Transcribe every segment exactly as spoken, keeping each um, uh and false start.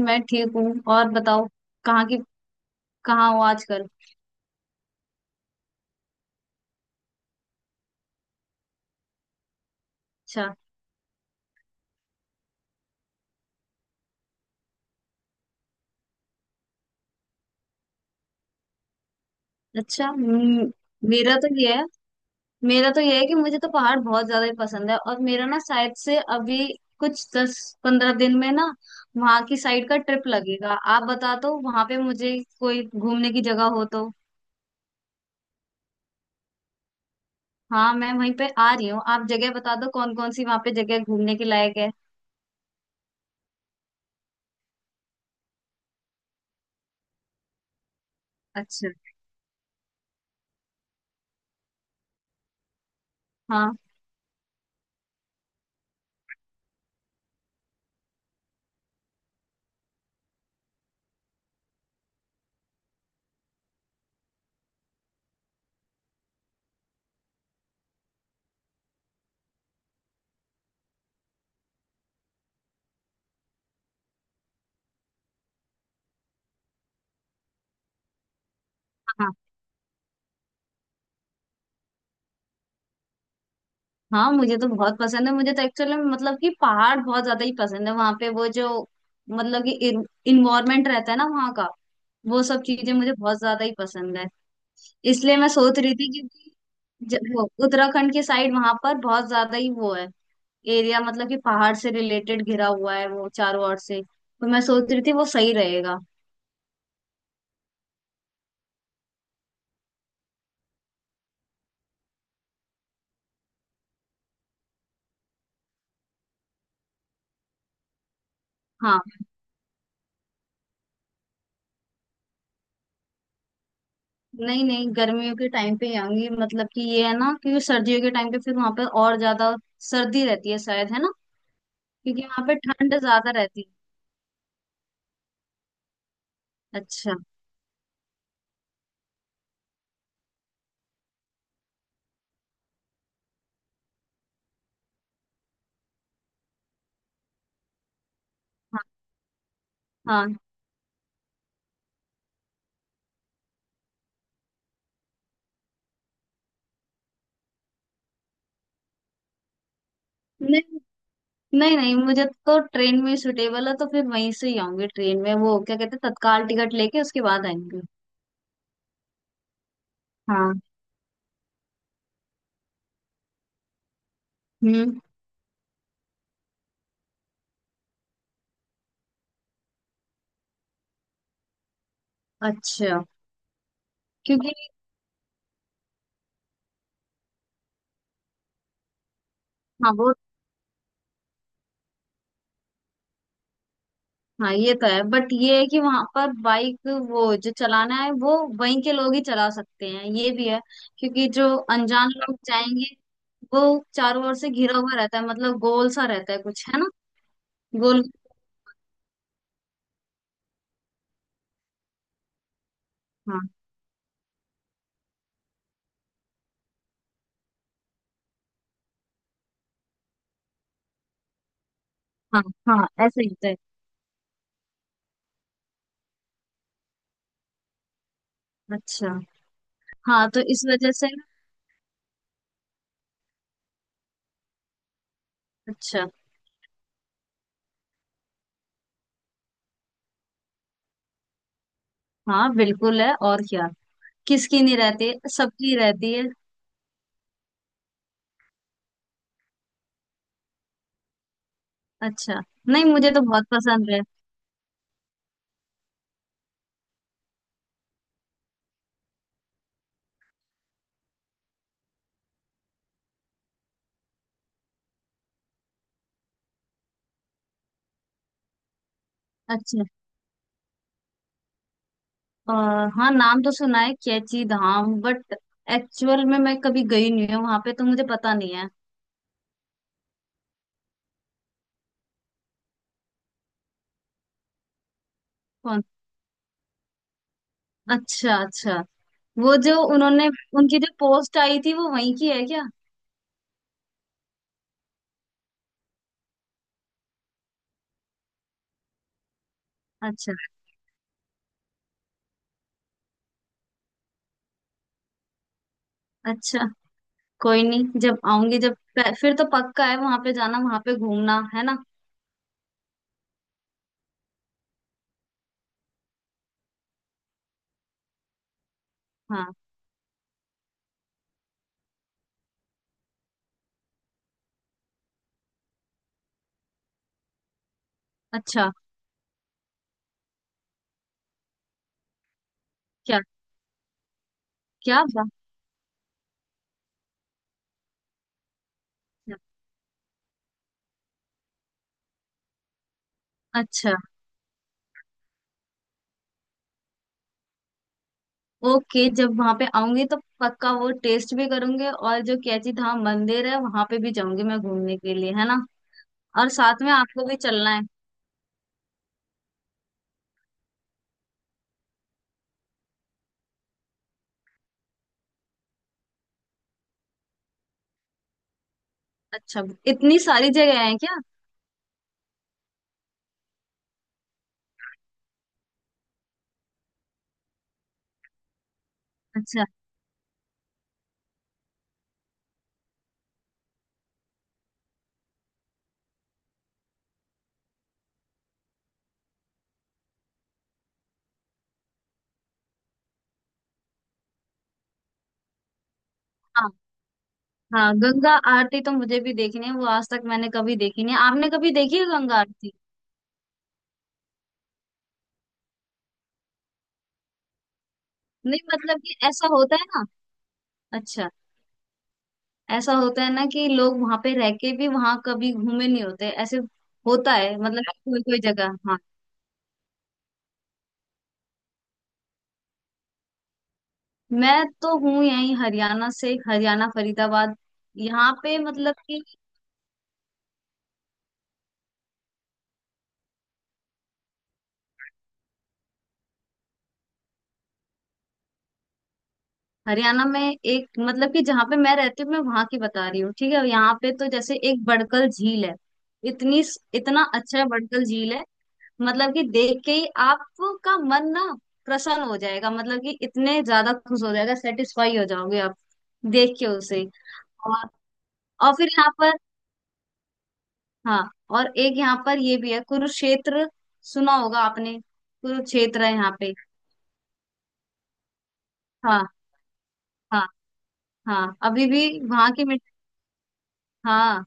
मैं ठीक हूँ और बताओ। कहाँ की? कहाँ हो आजकल? अच्छा। अच्छा। हम्म, मेरा तो ये है मेरा तो ये है कि मुझे तो पहाड़ बहुत ज्यादा ही पसंद है। और मेरा ना शायद से अभी कुछ दस पंद्रह दिन में ना वहाँ की साइड का ट्रिप लगेगा। आप बता दो वहाँ पे मुझे कोई घूमने की जगह हो तो। हाँ, मैं वहीं पे आ रही हूँ। आप जगह बता दो कौन कौन सी वहाँ पे जगह घूमने के लायक है। अच्छा। हाँ। हाँ, हाँ मुझे तो बहुत पसंद है। मुझे तो एक्चुअली मतलब कि पहाड़ बहुत ज्यादा ही पसंद है। वहां पे वो जो मतलब कि इन्वायरमेंट रहता है ना वहाँ का, वो सब चीजें मुझे बहुत ज्यादा ही पसंद है। इसलिए मैं सोच रही थी क्योंकि ज- वो उत्तराखंड के साइड वहां पर बहुत ज्यादा ही वो है एरिया, मतलब कि पहाड़ से रिलेटेड घिरा हुआ है वो चारों ओर से। तो मैं सोच रही थी वो सही रहेगा। हाँ, नहीं नहीं, गर्मियों के टाइम पे ही आऊंगी। मतलब कि ये है ना क्योंकि सर्दियों के टाइम पे फिर वहां पर और ज्यादा सर्दी रहती है शायद, है ना? क्योंकि यहाँ पे ठंड ज्यादा रहती है। अच्छा। हाँ। हाँ। नहीं नहीं, नहीं मुझे तो ट्रेन में सूटेबल है तो फिर वहीं से ही आऊंगी ट्रेन में। वो क्या कहते हैं तत्काल टिकट लेके उसके बाद आएंगे। हाँ। हम्म। अच्छा। क्योंकि हाँ वो। हाँ ये तो है, बट ये है कि वहां पर बाइक वो जो चलाना है वो वहीं के लोग ही चला सकते हैं, ये भी है। क्योंकि जो अनजान लोग जाएंगे, वो चारों ओर से घिरा हुआ रहता है मतलब गोल सा रहता है कुछ, है ना? गोल। हाँ। हाँ, हाँ ऐसे ही होता है। अच्छा। हाँ तो इस वजह से। अच्छा। हाँ बिल्कुल है, और क्या? किसकी नहीं रहती है, सबकी रहती है। अच्छा। नहीं मुझे तो बहुत पसंद है। अच्छा। आ, हाँ नाम तो सुना है कैची धाम, बट एक्चुअल में मैं कभी गई नहीं हूँ वहां पे तो मुझे पता नहीं है। कौन? अच्छा। अच्छा। वो जो उन्होंने उनकी जो पोस्ट आई थी वो वहीं की है क्या? अच्छा। अच्छा। कोई नहीं, जब आऊंगी जब फिर तो पक्का है वहां पे जाना, वहां पे घूमना, है ना? हाँ। अच्छा। क्या? क्या बात है। अच्छा। ओके, जब वहां पे आऊंगी तो पक्का वो टेस्ट भी करूंगी, और जो कैची धाम मंदिर है वहां पे भी जाऊंगी मैं घूमने के लिए, है ना? और साथ में आपको भी चलना है। अच्छा। इतनी सारी जगह है क्या? अच्छा। हाँ। हाँ गंगा आरती तो मुझे भी देखनी है, वो आज तक मैंने कभी देखी नहीं है। आपने कभी देखी है गंगा आरती? नहीं मतलब कि ऐसा होता है ना। अच्छा। ऐसा होता है ना कि लोग वहां पे रह के भी वहां कभी घूमे नहीं होते ऐसे। होता है मतलब कोई कोई जगह। हाँ। मैं तो हूँ यहीं हरियाणा से, हरियाणा फरीदाबाद। यहाँ पे मतलब कि हरियाणा में, एक मतलब कि जहाँ पे मैं रहती हूँ मैं वहां की बता रही हूँ ठीक है, यहाँ पे तो जैसे एक बड़कल झील है। इतनी, इतना अच्छा बड़कल झील है, मतलब कि देख के ही आपका मन ना प्रसन्न हो जाएगा, मतलब कि इतने ज्यादा खुश हो जाएगा, सेटिस्फाई हो जाओगे आप देख के उसे। और और फिर यहाँ पर। हाँ, और एक यहाँ पर ये भी है कुरुक्षेत्र, सुना होगा आपने। कुरुक्षेत्र है यहाँ पे। हाँ, हाँ। हाँ अभी भी वहां की मिट। हाँ।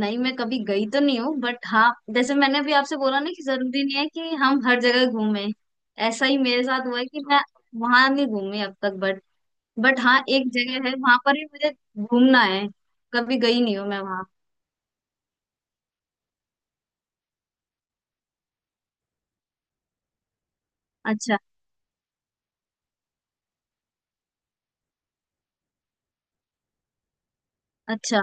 नहीं मैं कभी गई तो नहीं हूँ, बट हाँ जैसे मैंने अभी आपसे बोला ना कि जरूरी नहीं है कि हम हर जगह घूमें। ऐसा ही मेरे साथ हुआ है कि मैं वहां नहीं घूमी अब तक, बट बट हाँ एक जगह है वहां पर भी, मुझे घूमना है। कभी गई नहीं हूँ मैं वहां। अच्छा। अच्छा।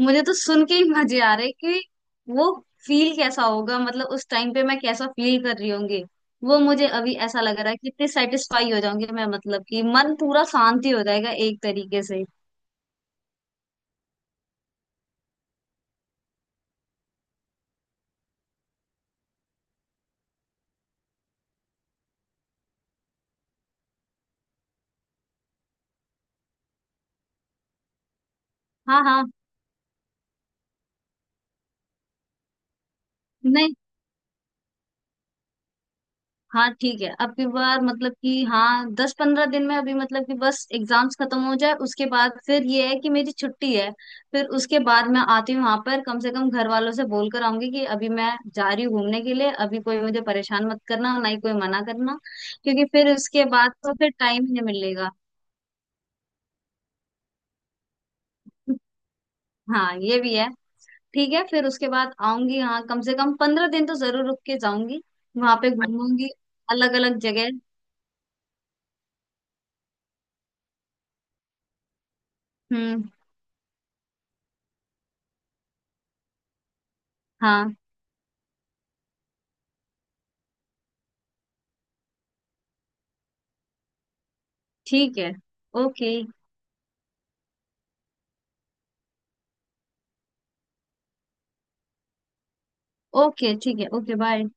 मुझे तो सुन के ही मजे आ रहे कि वो फील कैसा होगा, मतलब उस टाइम पे मैं कैसा फील कर रही होंगी वो। मुझे अभी ऐसा लग रहा है कि इतनी सेटिस्फाई हो जाऊंगी मैं, मतलब कि मन पूरा शांति हो जाएगा एक तरीके से। हाँ। हाँ। नहीं। हाँ ठीक है, अब की बार मतलब कि हाँ दस पंद्रह दिन में अभी मतलब कि बस एग्जाम्स खत्म हो जाए उसके बाद फिर ये है कि मेरी छुट्टी है। फिर उसके बाद मैं आती हूँ वहां पर, कम से कम घर वालों से बोल कर आऊंगी कि अभी मैं जा रही हूँ घूमने के लिए, अभी कोई मुझे परेशान मत करना, ना ही कोई मना करना। क्योंकि फिर उसके बाद तो फिर टाइम ही नहीं मिलेगा। हाँ, ये भी है। ठीक है, फिर उसके बाद आऊंगी। हाँ कम से कम पंद्रह दिन तो जरूर रुक के जाऊंगी, वहां पे घूमूंगी अलग अलग जगह। हम्म। हाँ ठीक है। ओके। ओके ठीक है। Okay bye.